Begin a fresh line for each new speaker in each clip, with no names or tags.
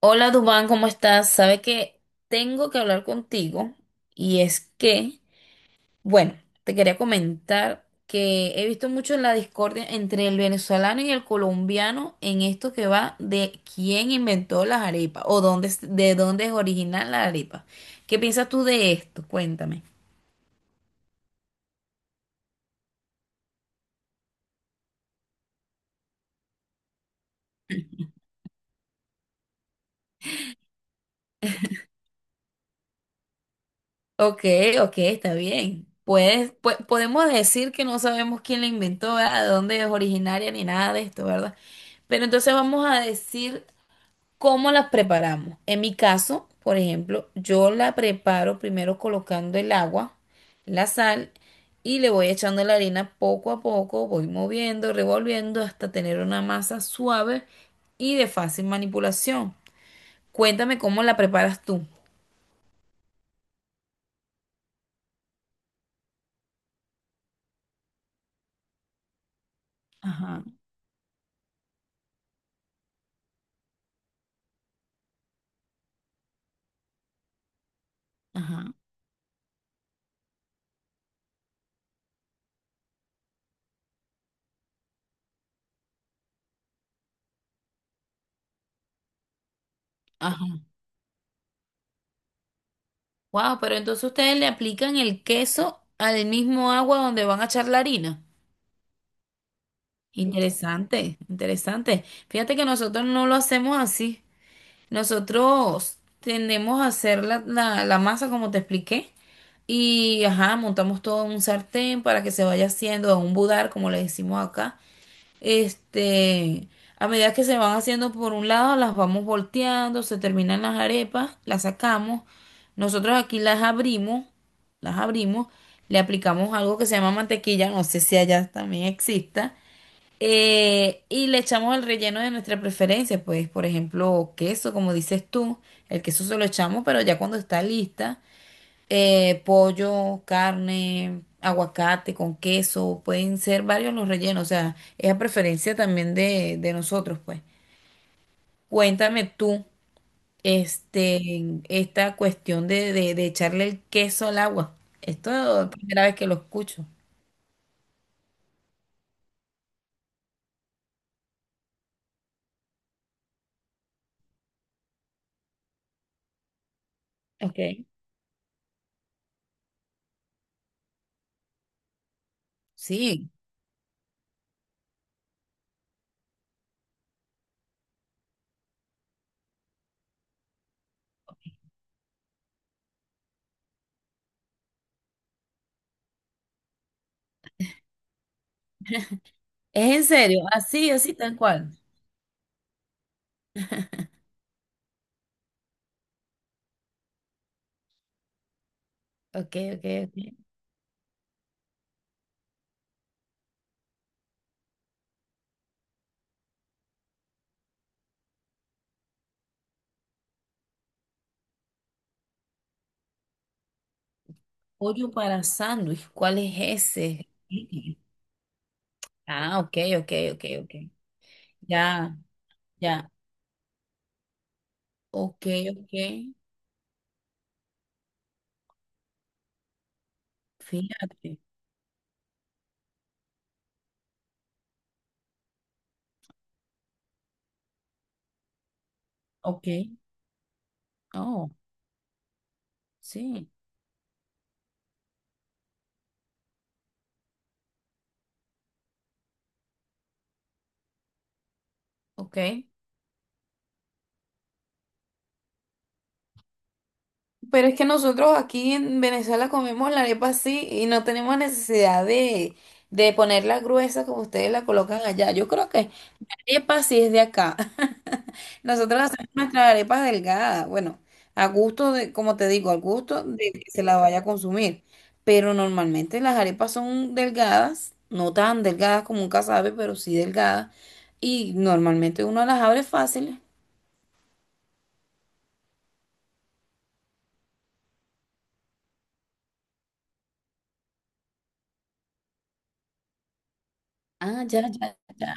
Hola Dubán, ¿cómo estás? Sabe que tengo que hablar contigo y es que, bueno, te quería comentar que he visto mucho la discordia entre el venezolano y el colombiano en esto que va de quién inventó las arepas o dónde, de dónde es original la arepa. ¿Qué piensas tú de esto? Cuéntame. Ok, ok, está bien. Podemos decir que no sabemos quién la inventó, ¿verdad? De dónde es originaria ni nada de esto, ¿verdad? Pero entonces vamos a decir, ¿cómo las preparamos? En mi caso, por ejemplo, yo la preparo primero colocando el agua, la sal y le voy echando la harina poco a poco, voy moviendo, revolviendo hasta tener una masa suave y de fácil manipulación. Cuéntame cómo la preparas tú. Ajá, ajá, ajá. Wow, pero entonces ustedes le aplican el queso al mismo agua donde van a echar la harina. Interesante, interesante. Fíjate que nosotros no lo hacemos así. Nosotros tendemos a hacer la masa, como te expliqué, y ajá, montamos todo en un sartén para que se vaya haciendo, a un budar, como le decimos acá. Este, a medida que se van haciendo por un lado, las vamos volteando, se terminan las arepas, las sacamos. Nosotros aquí las abrimos, le aplicamos algo que se llama mantequilla, no sé si allá también exista. Y le echamos el relleno de nuestra preferencia, pues por ejemplo queso, como dices tú, el queso se lo echamos, pero ya cuando está lista, pollo, carne, aguacate con queso, pueden ser varios los rellenos, o sea, es a preferencia también de nosotros, pues. Cuéntame tú, esta cuestión de, de echarle el queso al agua. Esto es la primera vez que lo escucho. Ok. Sí, es en serio, así, así tal cual. Ok, ok, ok. Pollo para sándwich, ¿cuál es ese? Ah, ok, ok, ok, ok. Ya, ya. Ok, ok. Fíjate. Ok. Oh, sí. Ok. Pero es que nosotros aquí en Venezuela comemos la arepa así y no tenemos necesidad de ponerla gruesa como ustedes la colocan allá. Yo creo que arepa sí es de acá. Nosotros hacemos nuestras arepas delgadas. Bueno, a gusto de, como te digo, al gusto de que se la vaya a consumir. Pero normalmente las arepas son delgadas, no tan delgadas como un casabe, pero sí delgadas. Y normalmente uno las abre fáciles. Ah, ya, ya, ya.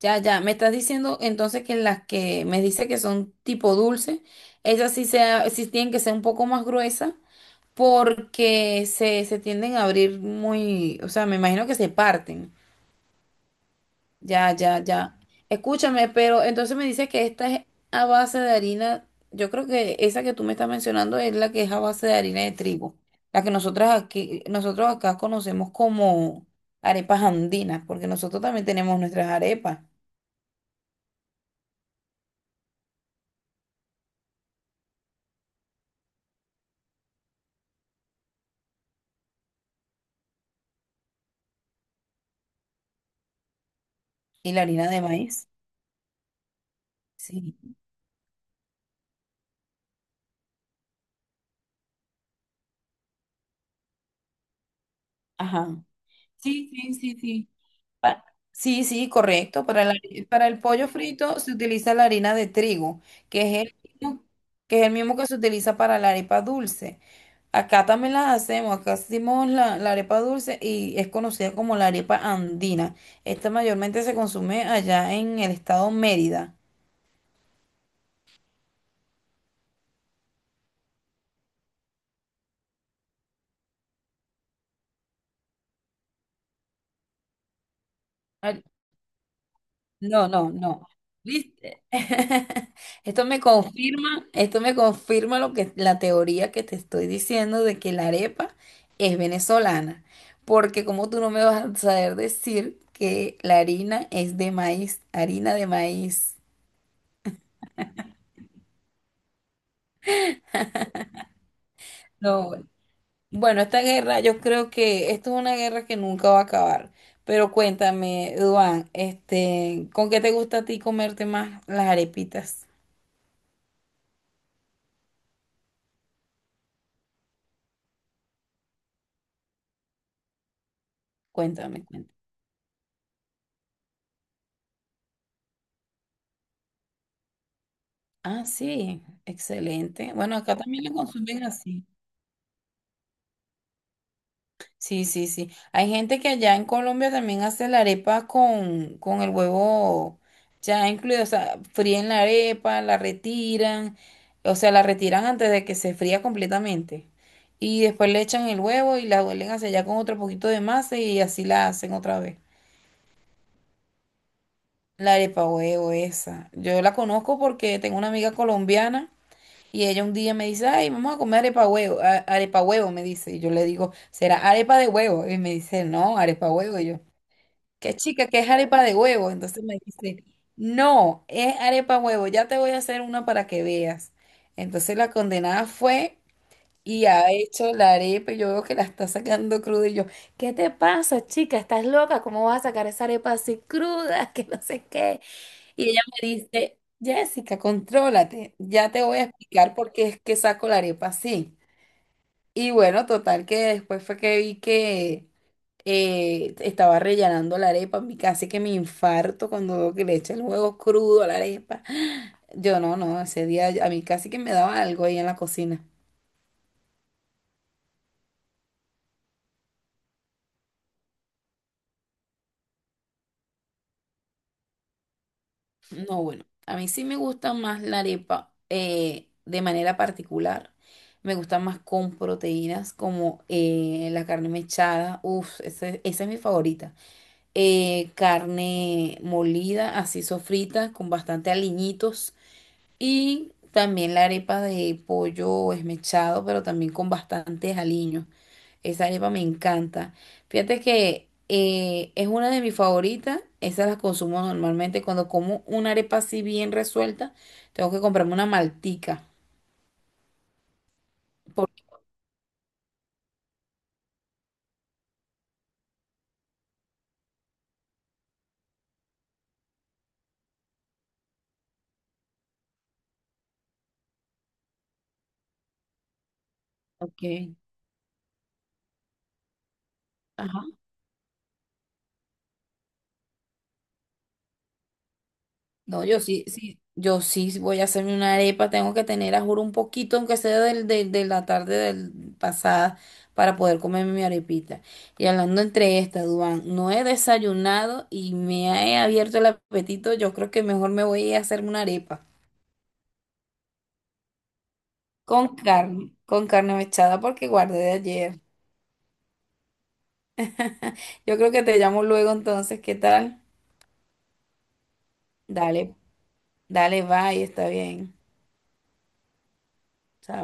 Ya, ya. Me estás diciendo entonces que las que me dice que son tipo dulce, esas sí, sí tienen que ser un poco más gruesas porque se tienden a abrir muy, o sea, me imagino que se parten. Ya, ya, ya. Escúchame, pero entonces me dice que esta es a base de harina. Yo creo que esa que tú me estás mencionando es la que es a base de harina de trigo, la que nosotras aquí, nosotros acá conocemos como arepas andinas, porque nosotros también tenemos nuestras arepas y la harina de maíz. Sí. Ajá. Sí, sí, sí, sí. Pa- Sí, sí, correcto. Para para el pollo frito se utiliza la harina de trigo, que es el mismo, que es el mismo que se utiliza para la arepa dulce. Acá también la hacemos, acá hacemos la arepa dulce y es conocida como la arepa andina. Esta mayormente se consume allá en el estado Mérida. No, no, no. ¿Viste? Esto me confirma lo que la teoría que te estoy diciendo de que la arepa es venezolana, porque como tú no me vas a saber decir que la harina es de maíz, harina de maíz. No, bueno, esta guerra, yo creo que esto es una guerra que nunca va a acabar. Pero cuéntame, Duan, ¿con qué te gusta a ti comerte más las arepitas? Cuéntame, cuéntame. Ah, sí, excelente. Bueno, acá también lo consumen así. Sí, sí, sí. Hay gente que allá en Colombia también hace la arepa con el huevo ya incluido. O sea, fríen la arepa, la retiran. O sea, la retiran antes de que se fría completamente. Y después le echan el huevo y la vuelven hacia allá con otro poquito de masa y así la hacen otra vez. La arepa huevo esa. Yo la conozco porque tengo una amiga colombiana. Y ella un día me dice, ay, vamos a comer arepa huevo, arepa huevo, me dice. Y yo le digo, ¿será arepa de huevo? Y me dice, no, arepa huevo. Y yo, ¿qué chica, qué es arepa de huevo? Entonces me dice, no, es arepa huevo, ya te voy a hacer una para que veas. Entonces la condenada fue y ha hecho la arepa y yo veo que la está sacando cruda. Y yo, ¿qué te pasa, chica? ¿Estás loca? ¿Cómo vas a sacar esa arepa así cruda? Que no sé qué. Y ella me dice, Jessica, contrólate, ya te voy a explicar por qué es que saco la arepa así. Y bueno, total que después fue que vi que estaba rellenando la arepa, casi que me infarto cuando veo que le echa el huevo crudo a la arepa. Yo no, no, ese día a mí casi que me daba algo ahí en la cocina. No, bueno, a mí sí me gusta más la arepa de manera particular. Me gusta más con proteínas como la carne mechada. Uf, esa es mi favorita. Carne molida, así sofrita, con bastante aliñitos. Y también la arepa de pollo esmechado, pero también con bastantes aliños. Esa arepa me encanta. Fíjate que es una de mis favoritas. Esas las consumo normalmente cuando como una arepa así bien resuelta. Tengo que comprarme una maltica. Porque, ok, ajá. No, yo sí, sí, yo sí voy a hacerme una arepa. Tengo que tener, a juro, un poquito, aunque sea del, de la tarde del pasada, para poder comerme mi arepita. Y hablando entre estas, Duan, no he desayunado y me he abierto el apetito. Yo creo que mejor me voy a ir a hacerme una arepa. Con carne mechada porque guardé de ayer. Yo creo que te llamo luego entonces, ¿qué tal? Dale, dale, bye, está bien. Chao.